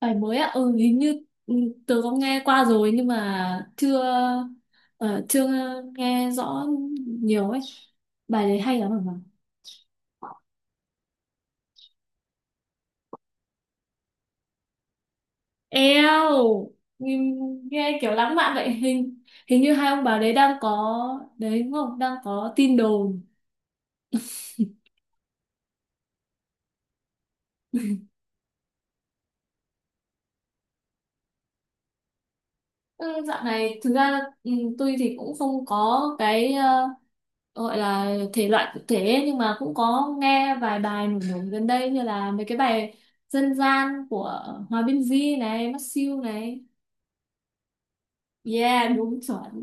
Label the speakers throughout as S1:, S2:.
S1: Bài mới ạ, hình như tớ có nghe qua rồi nhưng mà chưa chưa nghe rõ nhiều ấy. Bài đấy hay lắm hả? Eo, nghe nghe kiểu lãng mạn vậy. Hình hình như hai ông bà đấy đang có đấy đúng không? Đang có tin đồn. Ừ, dạo này thực ra tôi thì cũng không có cái gọi là thể loại cụ thể ấy, nhưng mà cũng có nghe vài bài nổi nổi gần đây như là mấy cái bài dân gian của Hòa Bình Di này, Mắt Siêu này. Yeah, đúng chuẩn.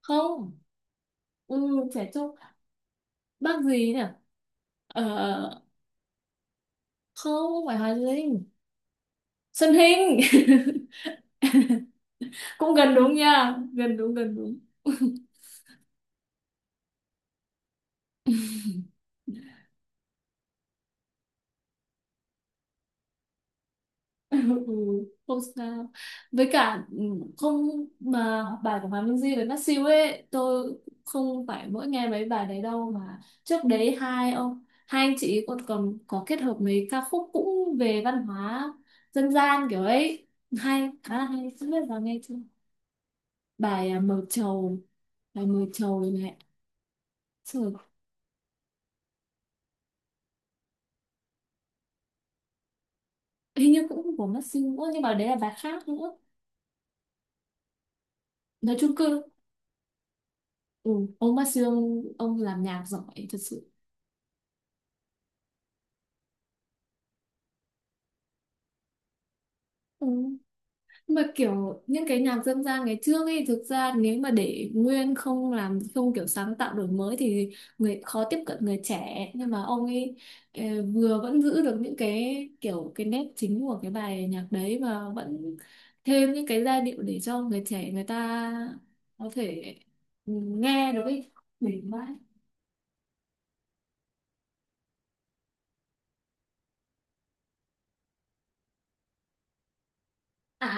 S1: Không, ừ, trẻ trung. Bác gì nhỉ? Ờ, không, không phải Hòa Linh. Xuân Hinh. Cũng gần đúng nha. Gần đúng, gần đúng. Ừ, không sao, với cả không, mà bài của Hoàng Minh Di với Masew ấy, tôi không phải mỗi nghe mấy bài đấy đâu, mà trước đấy hai anh chị còn còn có kết hợp mấy ca khúc cũng về văn hóa dân gian kiểu ấy, hay, khá là hay, không biết vào nghe chưa. bài à, mờ trầu mờ trầu này. Trời, hình như cũng của Masew nữa, nhưng mà đấy là bài khác nữa. Nói chung cơ, ừ, ông Masew, ông làm nhạc giỏi thật sự. Ừ, mà kiểu những cái nhạc dân gian ngày trước ấy, thực ra nếu mà để nguyên, không làm, không kiểu sáng tạo đổi mới thì người khó tiếp cận người trẻ, nhưng mà ông ấy ờ, vừa vẫn giữ được những cái kiểu cái nét chính của cái bài nhạc đấy, và vẫn thêm những cái giai điệu để cho người trẻ người ta có thể nghe được ấy. Đỉnh vãi. À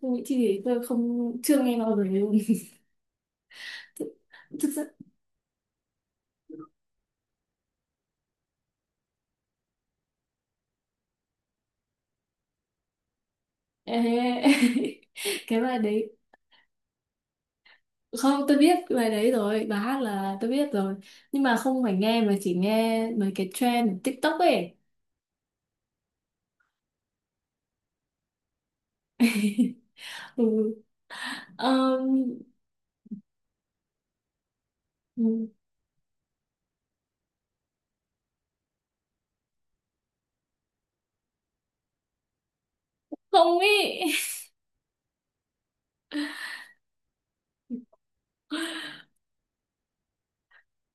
S1: không, nghĩ Chi thì tôi không chưa nghe bao giờ luôn. thực, thực sự. Ê, cái bài đấy, không, tôi biết bài đấy rồi, bài hát là tôi biết rồi, nhưng mà không phải nghe, mà chỉ nghe mấy cái trend ở TikTok ấy. ừ. Ờm, ừ. Không, ý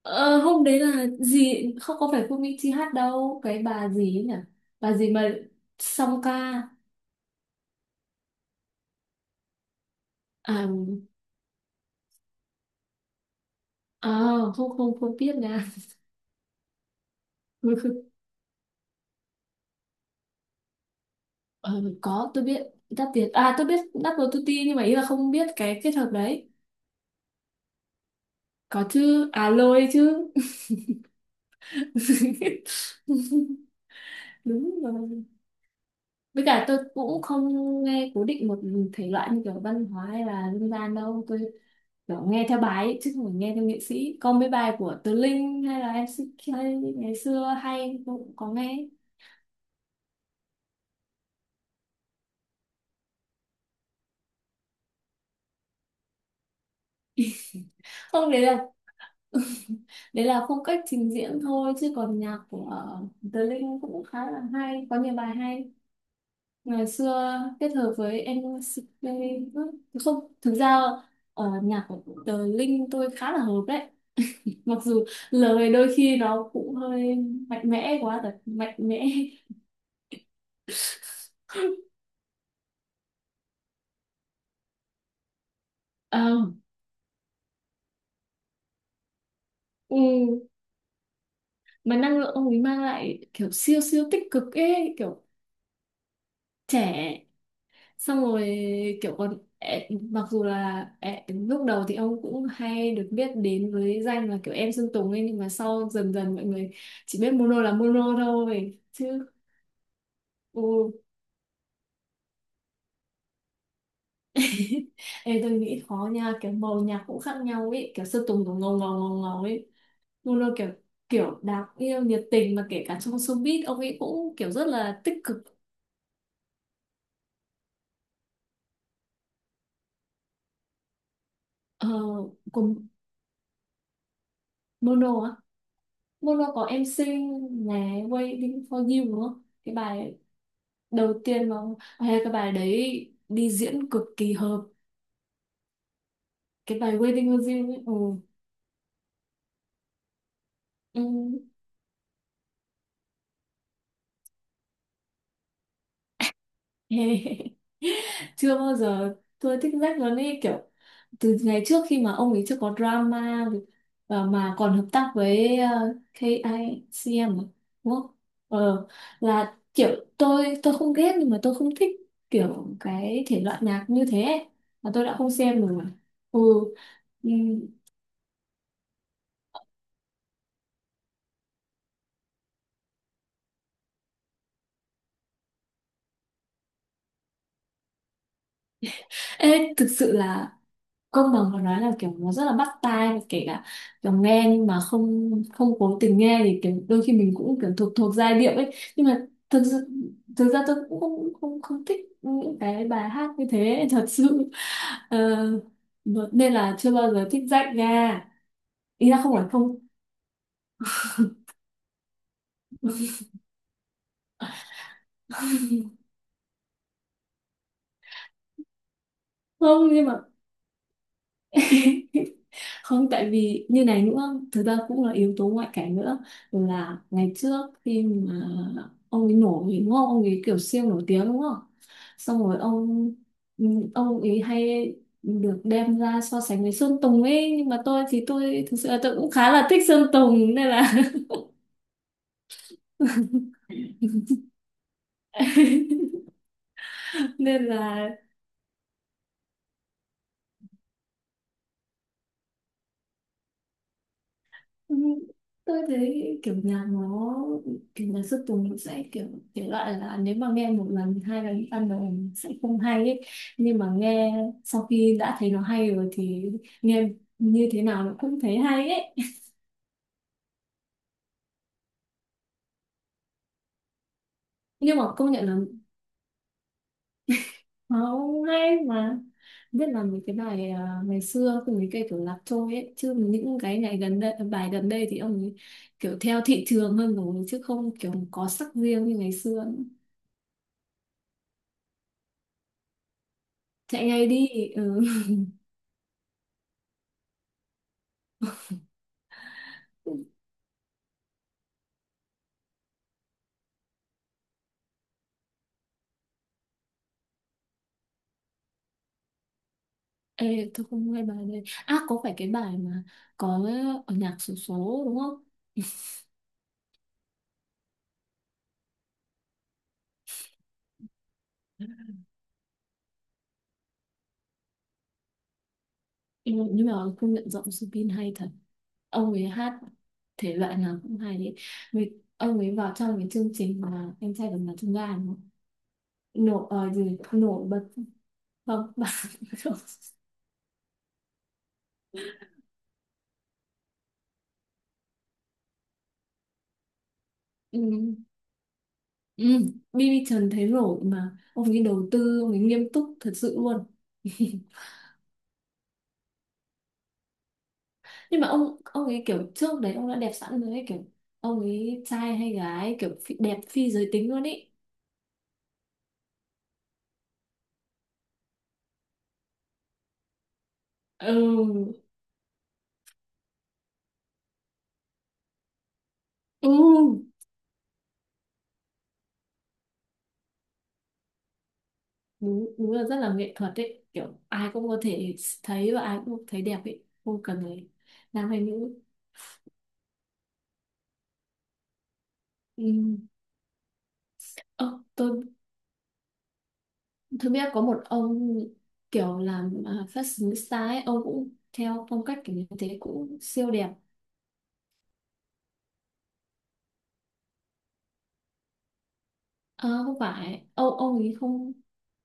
S1: Ờ, hôm đấy là gì, không có phải Phương Mỹ Chi hát đâu, cái bà gì ấy nhỉ, bà gì mà song ca. à, à không, không không biết nha. Ờ, có, tôi biết. Đáp Việt à, tôi biết Đáp Tuti, nhưng mà ý là không biết cái kết hợp đấy. Có chứ, à lôi chứ. Đúng rồi. Với cả tôi cũng không nghe cố định một thể loại như kiểu văn hóa hay là dân gian đâu. Tôi kiểu nghe theo bài ấy, chứ không phải nghe theo nghệ sĩ. Có mấy bài của Tứ Linh hay là MCK ngày xưa hay tôi cũng có nghe. Không, đấy là đấy là phong cách trình diễn thôi, chứ còn nhạc của Tứ Linh cũng khá là hay, có nhiều bài hay. Ngày xưa kết hợp với MCK nữa. Không, thực ra nhạc của Tứ Linh tôi khá là hợp đấy. Mặc dù lời đôi khi nó cũng hơi mạnh mẽ quá, thật mạnh mẽ. Ờ, ừ, mà năng lượng ông ấy mang lại kiểu siêu siêu tích cực ấy, kiểu trẻ, xong rồi kiểu còn mặc dù là lúc đầu thì ông cũng hay được biết đến với danh là kiểu em Sơn Tùng ấy, nhưng mà sau dần dần mọi người chỉ biết Mono là Mono thôi chứ. Ừ. Ê, tôi nghĩ khó nha, kiểu màu nhạc cũng khác nhau ấy, kiểu Sơn Tùng cũng ngầu ngầu ngầu ngầu ấy, Mono kiểu kiểu đáng yêu nhiệt tình, mà kể cả trong showbiz ông ấy cũng kiểu rất là tích cực. ờ, Cùng Mono á, Mono có Em Xinh này, Waiting for You đúng không, cái bài đầu tiên mà hay, cái bài đấy đi diễn cực kỳ hợp, cái bài Waiting for You ấy. Ừ. Ừ. chưa bao giờ tôi thích Jack luôn ấy, kiểu từ ngày trước khi mà ông ấy chưa có drama và mà còn hợp tác với KICM à? Đúng không? Ờ, là kiểu tôi không ghét nhưng mà tôi không thích kiểu cái thể loại nhạc như thế ấy. Mà tôi đã không xem rồi. Ừ. Ừ. Ê, thực sự là công bằng có nói là kiểu nó rất là bắt tai, và kể cả kiểu nghe, nhưng mà không không cố tình nghe thì kiểu đôi khi mình cũng kiểu thuộc thuộc giai điệu ấy, nhưng mà thực sự thực ra tôi cũng không không không thích những cái bài hát như thế, thật sự. Ờ, nên là chưa bao giờ thích rách ra. Ý là không phải không, không, nhưng mà không, tại vì như này nữa. Thực ra cũng là yếu tố ngoại cảnh nữa, là ngày trước khi mà ông ấy nổi đúng không, ông ấy kiểu siêu nổi tiếng đúng không, xong rồi ừ, ông ấy hay được đem ra so sánh với Sơn Tùng ấy, nhưng mà tôi thì tôi thực sự là tôi cũng khá là thích Sơn Tùng nên là. nên là. Ừ, tôi thấy kiểu nhạc nó, kiểu nhạc Xuất Tùng nó sẽ kiểu thể loại là nếu mà nghe một lần hai lần ban đầu sẽ không hay ấy, nhưng mà nghe sau khi đã thấy nó hay rồi thì nghe như thế nào nó cũng thấy hay ấy. Nhưng mà công nhận là nó hay mà, biết là mấy cái bài ngày xưa cùng mấy cái kiểu Lạc Trôi ấy, chứ những cái ngày gần đây bài gần đây thì ông ấy kiểu theo thị trường hơn rồi, chứ không kiểu có sắc riêng như ngày xưa nữa. Chạy Ngay Đi. Ừ. Ê, tôi không nghe bài này. À, có phải cái bài mà có ở nhạc xổ số đúng không? Ừ, nhưng mà công nhận giọng Subin hay thật. Ông ấy hát thể loại nào cũng hay ấy. Vì ông ấy vào trong cái chương trình mà anh trai vượt ngàn chông gai đúng không? Nổ gì nổi bật, không bạn. ừ. Ừ. BB Trần thấy nổi, mà ông ấy đầu tư, ông ấy nghiêm túc thật sự luôn. nhưng mà ông ấy kiểu trước đấy ông đã đẹp sẵn rồi ấy, kiểu ông ấy trai hay gái, kiểu phi, đẹp phi giới tính luôn ấy. Ừ, ừ, đúng, đúng là rất là nghệ thuật ấy, kiểu ai cũng có thể thấy và ai cũng thấy đẹp ấy, không cần phải nam hay nữ. Ừ. Ờ, tôi tôi biết có một ông kiểu làm fashionista ấy, ông cũng theo phong cách kiểu như thế, cũng siêu đẹp. Ờ, không phải, ông ấy không,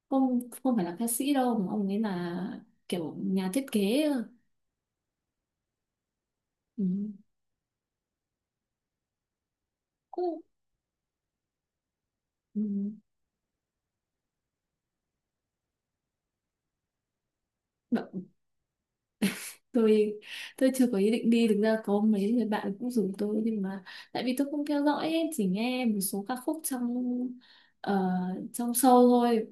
S1: không, không phải là ca sĩ đâu, mà ông ấy là kiểu nhà thiết kế. Ừ. Ồ. Ừ. Đ- tôi tôi chưa có ý định đi, thực ra có mấy người bạn cũng rủ tôi, nhưng mà tại vì tôi không theo dõi ấy, chỉ nghe một số ca khúc ờ, trong show thôi.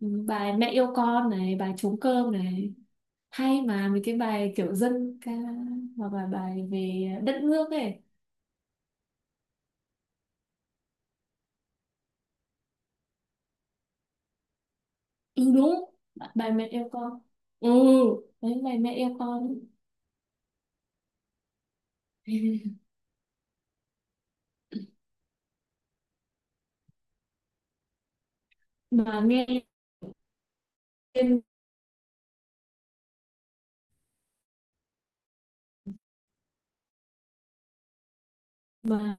S1: Ừ, bài Mẹ Yêu Con này, bài Trống Cơm này, hay mà, mấy cái bài kiểu dân ca hoặc là bài về đất nước ấy. Ừ đúng, bài Mẹ Yêu Con. Ừ, đấy, bài Mẹ Yêu Con. mà nghe lên, mà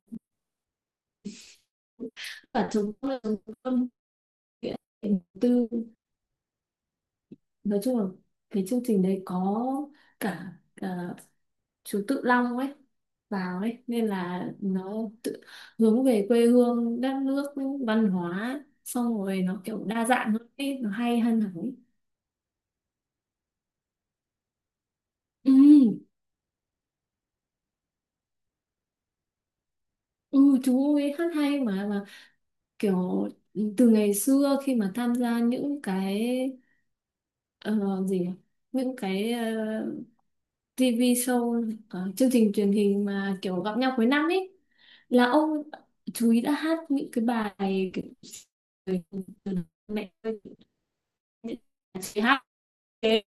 S1: cả chống là chống cơm, nghĩa là tư, nói chung là cái chương trình đấy có cả chú Tự Long ấy vào ấy, nên là nó tự hướng về quê hương đất nước, văn hóa, xong rồi nó kiểu đa dạng hơn ấy, nó hay hơn hẳn ấy. Ừ, ừ, chú ấy hát hay mà, kiểu từ ngày xưa khi mà tham gia những cái ờ, gì nhỉ? Những cái TV show, chương trình truyền hình mà kiểu gặp nhau cuối năm ấy, là ông chú ý đã hát những cái bài kiểu mẹ ơi, những bài chị hát thế.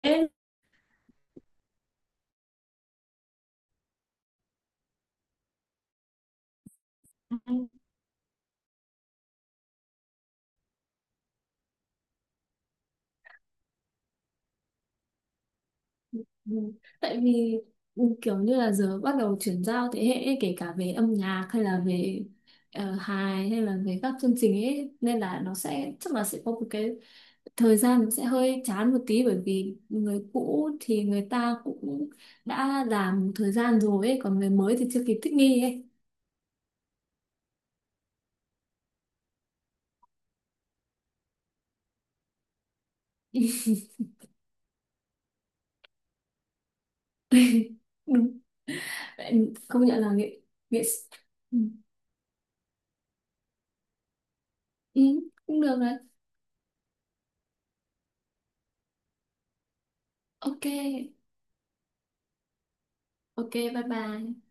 S1: Ừ, tại vì kiểu như là giờ bắt đầu chuyển giao thế hệ ấy, kể cả về âm nhạc hay là về hài hay là về các chương trình ấy, nên là nó sẽ chắc là sẽ có một cái thời gian nó sẽ hơi chán một tí, bởi vì người cũ thì người ta cũng đã làm một thời gian rồi ấy, còn người mới thì chưa kịp thích nghi ấy. đúng vậy, công nhận là nghệ nghệ sĩ. ừ, Ừ, cũng được đấy. Ok, ok, bye bye.